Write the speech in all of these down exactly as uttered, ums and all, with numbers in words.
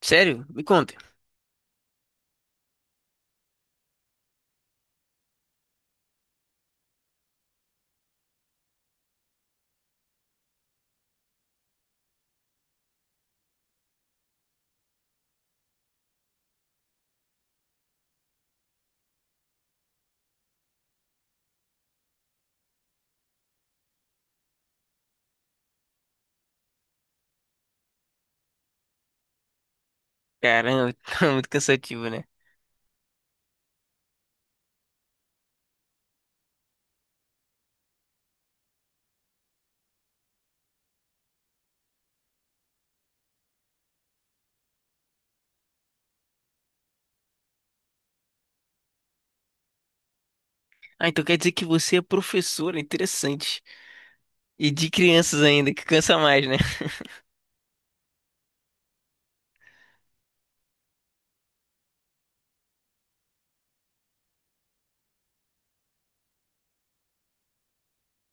Sério? Me conta. Caramba, tá muito cansativo, né? Ah, então quer dizer que você é professora, interessante. E de crianças ainda, que cansa mais, né?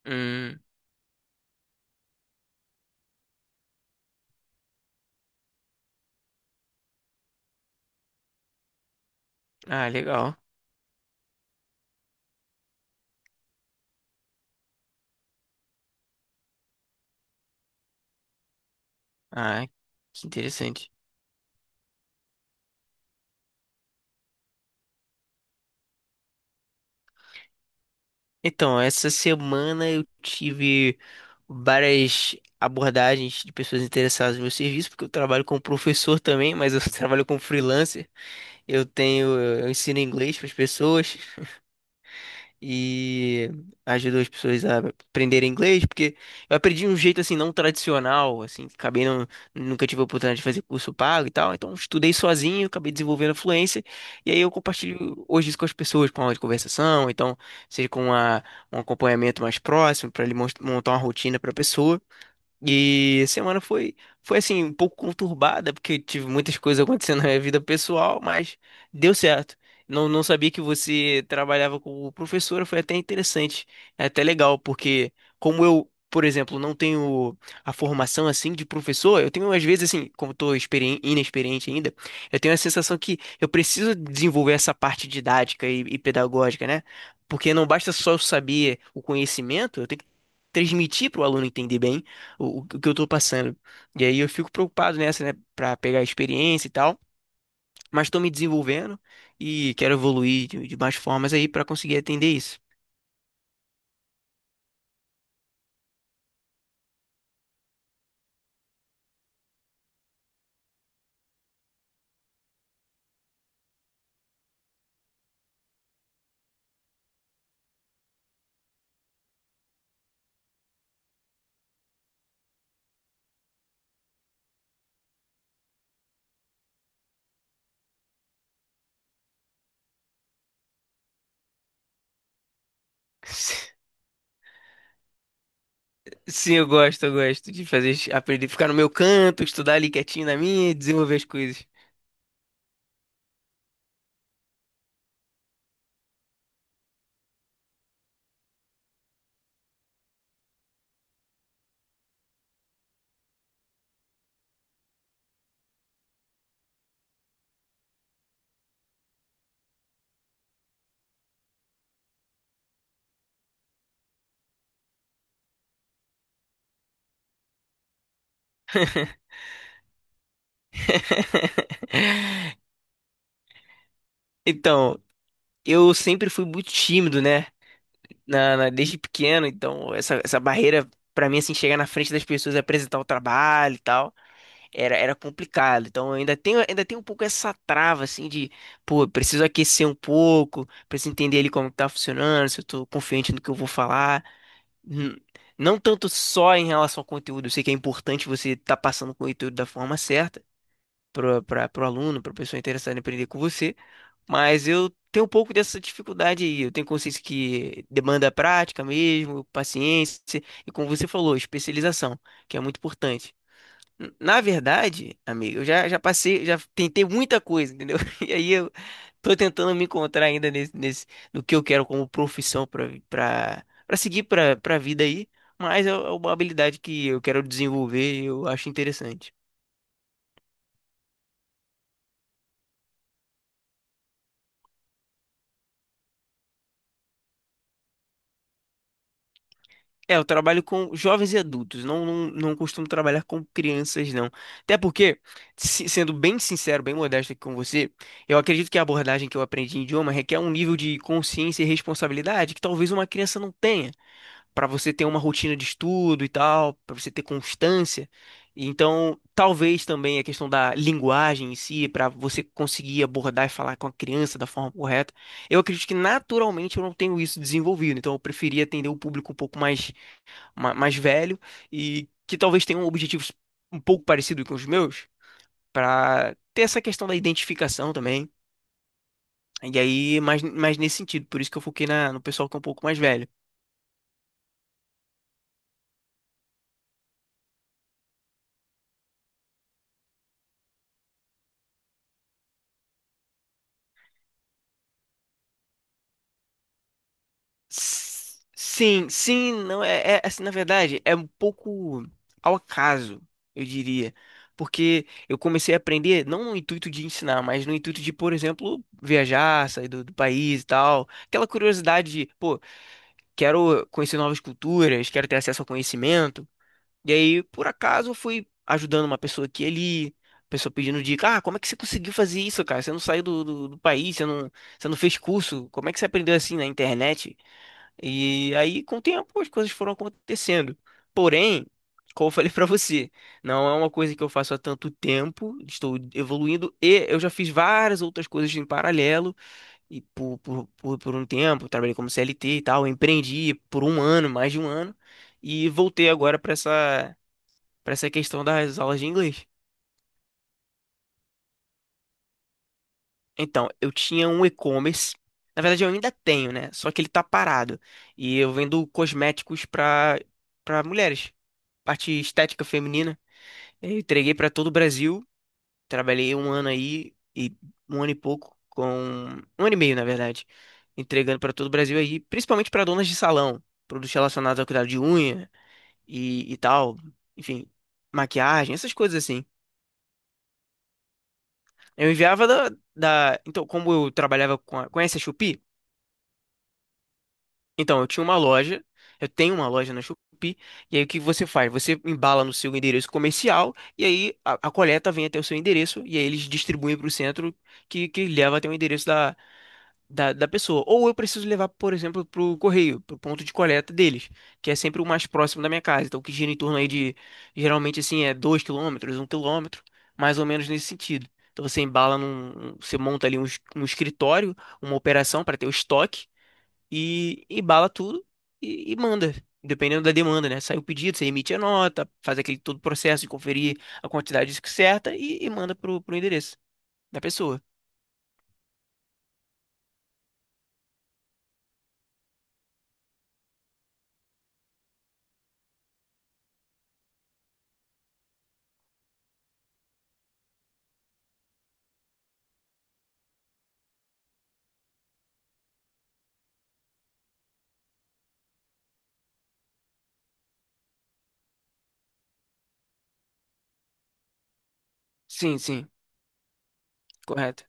Hum, ah, legal. Ah, que interessante. Então, essa semana eu tive várias abordagens de pessoas interessadas no meu serviço, porque eu trabalho como professor também, mas eu trabalho como freelancer. Eu tenho, eu ensino inglês para as pessoas. E ajudou as pessoas a aprenderem inglês, porque eu aprendi de um jeito assim não tradicional, assim, acabei não, nunca tive a oportunidade de fazer curso pago e tal, então estudei sozinho, acabei desenvolvendo a fluência, e aí eu compartilho hoje isso com as pessoas, com aula de conversação, então seja com a- um acompanhamento mais próximo, para ele mos- montar uma rotina para a pessoa. E a semana foi, foi assim, um pouco conturbada, porque tive muitas coisas acontecendo na minha vida pessoal, mas deu certo. Não, não sabia que você trabalhava como professora, foi até interessante, é até legal, porque como eu, por exemplo, não tenho a formação assim de professor, eu tenho às vezes assim, como estou inexperiente ainda, eu tenho a sensação que eu preciso desenvolver essa parte didática e, e pedagógica, né? Porque não basta só eu saber o conhecimento, eu tenho que transmitir para o aluno entender bem o, o que eu tô passando. E aí eu fico preocupado nessa, né, pra pegar experiência e tal, mas tô me desenvolvendo e quero evoluir de, de mais formas aí pra conseguir atender isso. Sim, eu gosto, eu gosto de fazer, aprender, ficar no meu canto, estudar ali quietinho na minha, e desenvolver as coisas. Então, eu sempre fui muito tímido, né? Na, na- desde pequeno, então essa, essa barreira pra mim assim chegar na frente das pessoas, e apresentar o trabalho e tal. Era, era complicado. Então eu ainda tenho, ainda tenho um pouco essa trava assim de, pô, eu preciso aquecer um pouco, preciso entender ali como que tá funcionando, se eu tô confiante no que eu vou falar. Hum, Não tanto só em relação ao conteúdo, eu sei que é importante você estar passando o conteúdo da forma certa para para o aluno, para a pessoa interessada em aprender com você, mas eu tenho um pouco dessa dificuldade aí. Eu tenho consciência que demanda prática mesmo, paciência e como você falou, especialização, que é muito importante. N- Na verdade, amigo, eu já, já passei, já tentei muita coisa, entendeu? E aí eu tô tentando me encontrar ainda nesse, nesse no que eu quero como profissão pra para para seguir pra para vida aí, mas é é uma habilidade que eu quero desenvolver e eu acho interessante. É, eu trabalho com jovens e adultos, não, não, não costumo trabalhar com crianças, não. Até porque, se- sendo bem sincero, bem modesto aqui com você, eu acredito que a abordagem que eu aprendi em idioma requer um nível de consciência e responsabilidade que talvez uma criança não tenha. Para você ter uma rotina de estudo e tal, para você ter constância. Então, talvez também a questão da linguagem em si, para você conseguir abordar e falar com a criança da forma correta. Eu acredito que naturalmente eu não tenho isso desenvolvido, então eu preferia atender o público um pouco mais, ma- mais velho e que talvez tenha objetivos um pouco parecidos com os meus, para ter essa questão da identificação também. E aí, mais, mais nesse sentido, por isso que eu foquei na, no pessoal que é um pouco mais velho. S- Sim, sim, não é, é- assim, na verdade, é um pouco ao acaso, eu diria. Porque eu comecei a aprender não no intuito de ensinar, mas no intuito de, por exemplo, viajar, sair do, do país e tal. Aquela curiosidade de, pô, quero conhecer novas culturas, quero ter acesso ao conhecimento. E aí, por acaso, eu fui ajudando uma pessoa aqui e ali, pessoa pedindo dica, ah, como é que você conseguiu fazer isso, cara? Você não saiu do, do, do país, você não, você não fez curso, como é que você aprendeu assim na internet? E aí, com o tempo, as coisas foram acontecendo. Porém, como eu falei pra você, não é uma coisa que eu faço há tanto tempo, estou evoluindo e eu já fiz várias outras coisas em paralelo e por, por, por, por um tempo, trabalhei como C L T e tal, empreendi por um ano, mais de um ano, e voltei agora pra essa, para essa questão das aulas de inglês. Então, eu tinha um e-commerce, na verdade eu ainda tenho, né? Só que ele tá parado. E eu vendo cosméticos pra para mulheres. Parte estética feminina. Eu entreguei para todo o Brasil. Trabalhei um ano aí e um ano e pouco com um ano e meio, na verdade, entregando para todo o Brasil aí, principalmente para donas de salão, produtos relacionados ao cuidado de unha e, e tal, enfim, maquiagem, essas coisas assim. Eu enviava da, da- então como eu trabalhava com a, conhece a Shopee? Então, eu tinha uma loja, eu tenho uma loja na Shopee, e aí o que você faz? Você embala no seu endereço comercial, e aí a, a coleta vem até o seu endereço, e aí eles distribuem para o centro que, que leva até o endereço da, da, da pessoa. Ou eu preciso levar, por exemplo, para o correio, para o ponto de coleta deles, que é sempre o mais próximo da minha casa. Então, que gira em torno aí de, geralmente assim, é dois quilômetros, um quilômetro, mais ou menos nesse sentido. Então, você embala num, um, você monta ali um, es- um escritório, uma operação para ter o estoque e e bala tudo e, e manda. Dependendo da demanda, né? Sai o pedido, você emite a nota, faz aquele todo o processo de conferir a quantidade certa e, e manda pro, pro endereço da pessoa. Sim, sim, correto.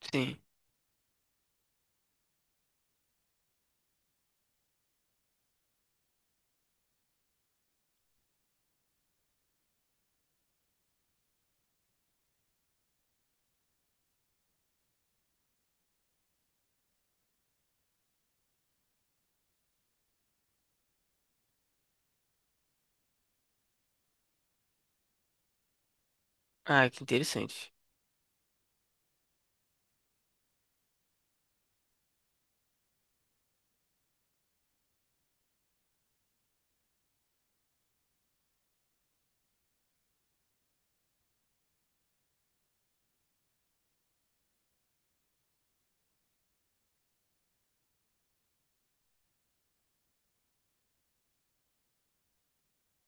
Sim. Ah, que interessante.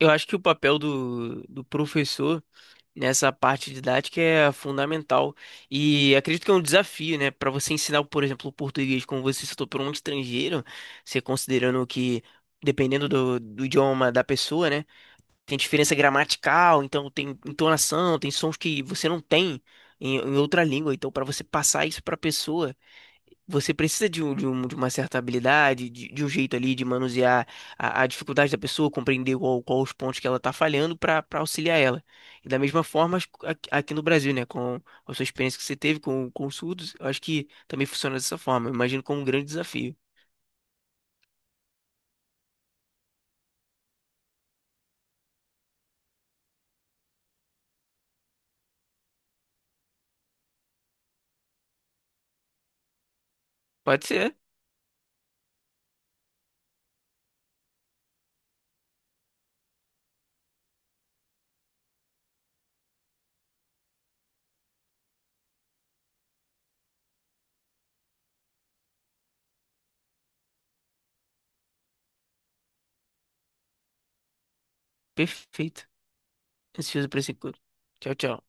Eu acho que o papel do, do professor nessa parte didática é fundamental. E acredito que é um desafio, né? Para você ensinar, por exemplo, o português, como você citou, para um estrangeiro, você considerando que, dependendo do, do idioma da pessoa, né? Tem diferença gramatical, então tem entonação, tem sons que você não tem em, em outra língua. Então, para você passar isso para a pessoa, você precisa de, um- de, um- de uma certa habilidade, de, de um jeito ali de manusear a, a dificuldade da pessoa, compreender qual, qual os pontos que ela está falhando para auxiliar ela. E da mesma forma, as- aqui aqui no Brasil, né, com a sua experiência que você teve com, com os surdos, eu acho que também funciona dessa forma. Eu imagino como um grande desafio. Pode ser, perfeito. Ansioso para esse encontro. Tchau, tchau.